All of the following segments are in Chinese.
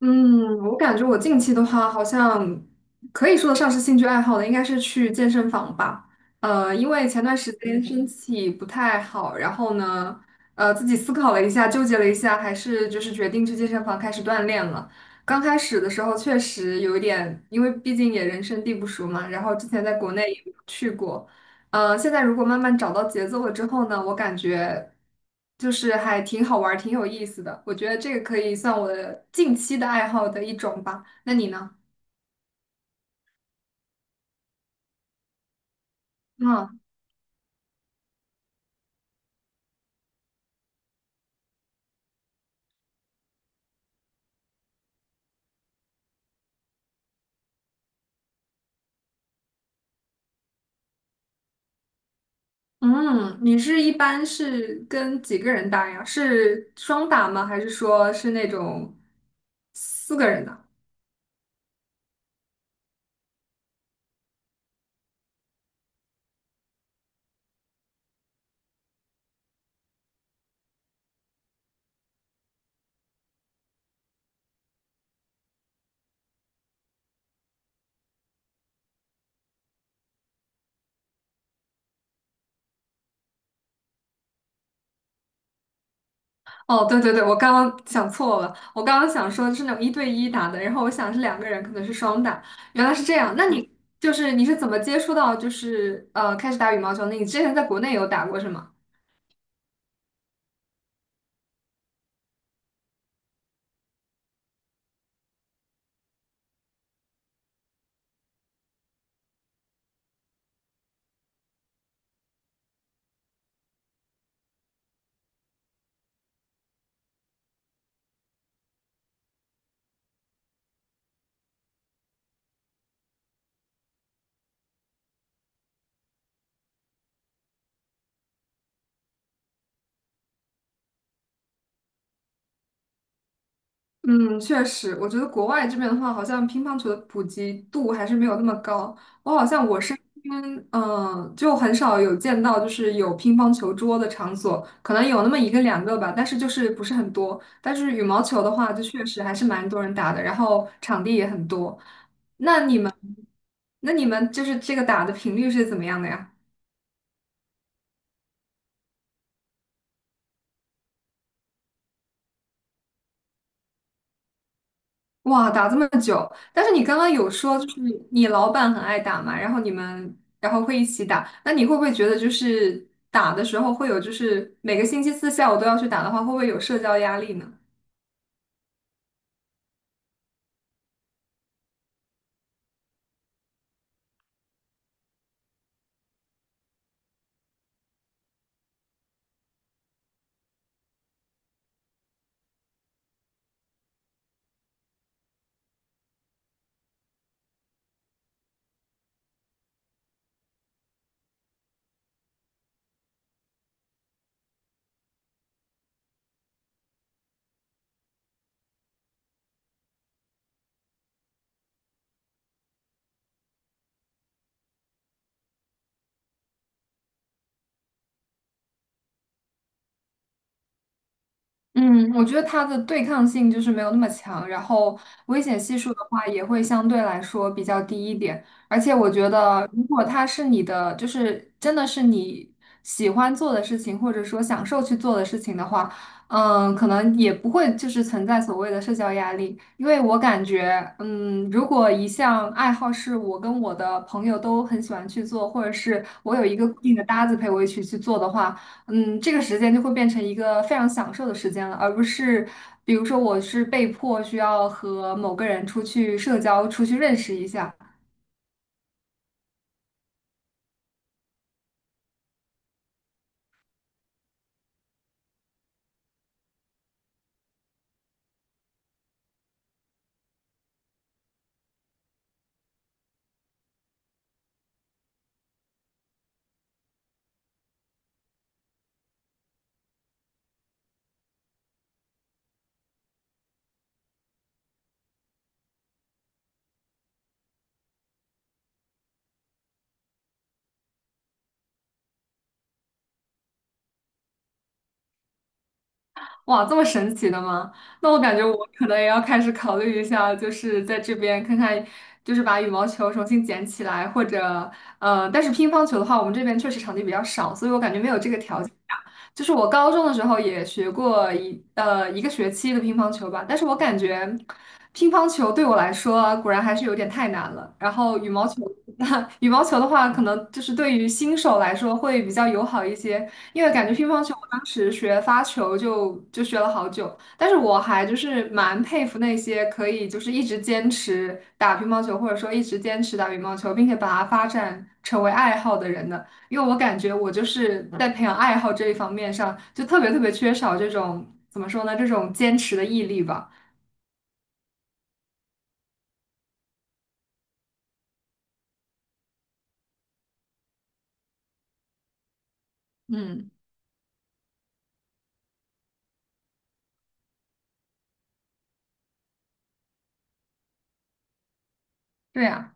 嗯，我感觉我近期的话，好像可以说得上是兴趣爱好的，应该是去健身房吧。因为前段时间身体不太好，然后呢，自己思考了一下，纠结了一下，还是就是决定去健身房开始锻炼了。刚开始的时候确实有一点，因为毕竟也人生地不熟嘛，然后之前在国内也没有去过，现在如果慢慢找到节奏了之后呢，我感觉就是还挺好玩儿，挺有意思的。我觉得这个可以算我的近期的爱好的一种吧。那你呢？嗯嗯，你是一般是跟几个人打呀？是双打吗？还是说是那种四个人的？哦，对对对，我刚刚想错了，我刚刚想说是那种一对一打的，然后我想是两个人，可能是双打，原来是这样。那你是怎么接触到开始打羽毛球的？你之前在国内有打过是吗？嗯，确实，我觉得国外这边的话，好像乒乓球的普及度还是没有那么高。我好像我身边，就很少有见到就是有乒乓球桌的场所，可能有那么一个两个吧，但是就是不是很多。但是羽毛球的话，就确实还是蛮多人打的，然后场地也很多。那你们就是这个打的频率是怎么样的呀？哇，打这么久，但是你刚刚有说，就是你老板很爱打嘛，然后你们然后会一起打，那你会不会觉得就是打的时候会有，就是每个星期四下午都要去打的话，会不会有社交压力呢？嗯，我觉得它的对抗性就是没有那么强，然后危险系数的话也会相对来说比较低一点。而且我觉得，如果它是你的，就是真的是你喜欢做的事情，或者说享受去做的事情的话，嗯，可能也不会就是存在所谓的社交压力。因为我感觉，嗯，如果一项爱好是我跟我的朋友都很喜欢去做，或者是我有一个固定的搭子陪我一起去做的话。嗯，这个时间就会变成一个非常享受的时间了，而不是比如说我是被迫需要和某个人出去社交，出去认识一下。哇，这么神奇的吗？那我感觉我可能也要开始考虑一下，就是在这边看看，就是把羽毛球重新捡起来，或者但是乒乓球的话，我们这边确实场地比较少，所以我感觉没有这个条件打就是我高中的时候也学过一个学期的乒乓球吧，但是我感觉乒乓球对我来说啊果然还是有点太难了。然后羽毛球，羽毛球的话，可能就是对于新手来说会比较友好一些。因为感觉乒乓球，我当时学发球就学了好久，但是我还就是蛮佩服那些可以就是一直坚持打乒乓球，或者说一直坚持打羽毛球，并且把它发展成为爱好的人的。因为我感觉我就是在培养爱好这一方面上，就特别缺少这种怎么说呢，这种坚持的毅力吧。嗯，对呀。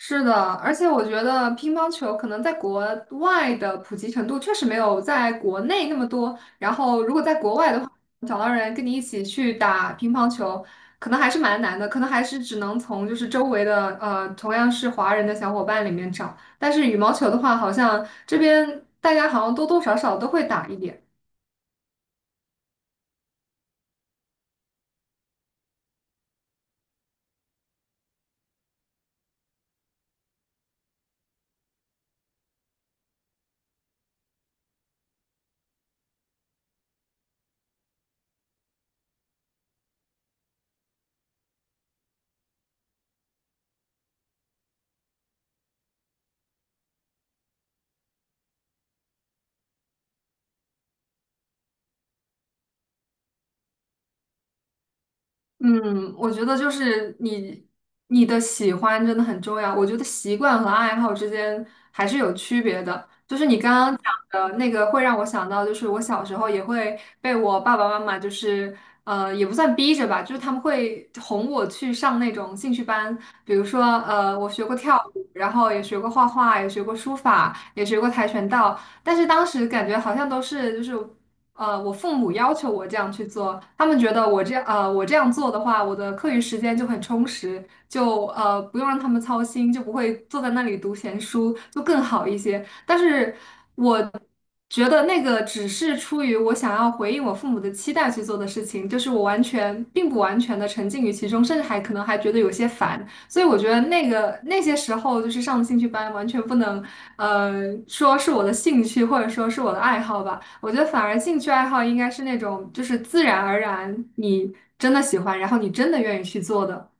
是的，而且我觉得乒乓球可能在国外的普及程度确实没有在国内那么多。然后，如果在国外的话，找到人跟你一起去打乒乓球，可能还是蛮难的，可能还是只能从就是周围的同样是华人的小伙伴里面找。但是羽毛球的话，好像这边大家好像多多少少都会打一点。嗯，我觉得就是你的喜欢真的很重要。我觉得习惯和爱好之间还是有区别的。就是你刚刚讲的那个，会让我想到，就是我小时候也会被我爸爸妈妈，就是也不算逼着吧，就是他们会哄我去上那种兴趣班，比如说我学过跳舞，然后也学过画画，也学过书法，也学过跆拳道，但是当时感觉好像都是就是。我父母要求我这样去做，他们觉得我这样，我这样做的话，我的课余时间就很充实，就不用让他们操心，就不会坐在那里读闲书，就更好一些。但是我觉得那个只是出于我想要回应我父母的期待去做的事情，就是我完全并不完全的沉浸于其中，甚至还可能还觉得有些烦。所以我觉得那个那些时候就是上兴趣班，完全不能呃说是我的兴趣或者说是我的爱好吧。我觉得反而兴趣爱好应该是那种，就是自然而然你真的喜欢，然后你真的愿意去做的。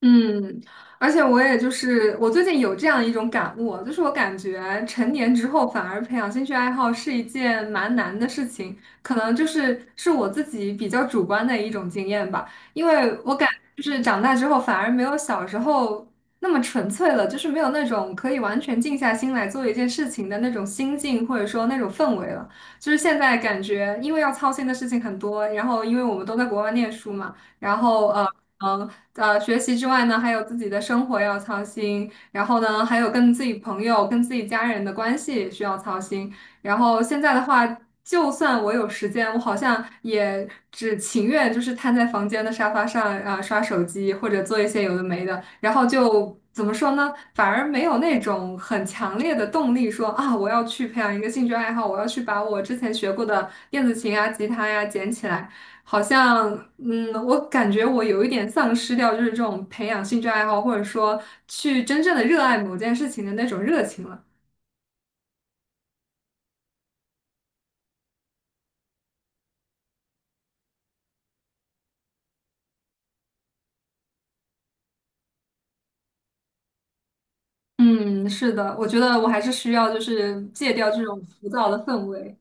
嗯，而且我也就是我最近有这样一种感悟，就是我感觉成年之后反而培养兴趣爱好是一件蛮难的事情，可能就是是我自己比较主观的一种经验吧，因为我感就是长大之后反而没有小时候那么纯粹了，就是没有那种可以完全静下心来做一件事情的那种心境或者说那种氛围了，就是现在感觉因为要操心的事情很多，然后因为我们都在国外念书嘛。然后呃嗯学习之外呢，还有自己的生活要操心，然后呢还有跟自己朋友、跟自己家人的关系也需要操心。然后现在的话，就算我有时间，我好像也只情愿就是瘫在房间的沙发上啊、刷手机或者做一些有的没的，然后就怎么说呢，反而没有那种很强烈的动力说啊我要去培养一个兴趣爱好，我要去把我之前学过的电子琴啊、吉他呀、捡起来。好像，嗯，我感觉我有一点丧失掉，就是这种培养兴趣爱好，或者说去真正的热爱某件事情的那种热情了。嗯，是的，我觉得我还是需要就是戒掉这种浮躁的氛围。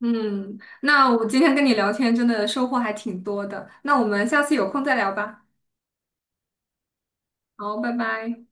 嗯，那我今天跟你聊天真的收获还挺多的，那我们下次有空再聊吧。好，拜拜。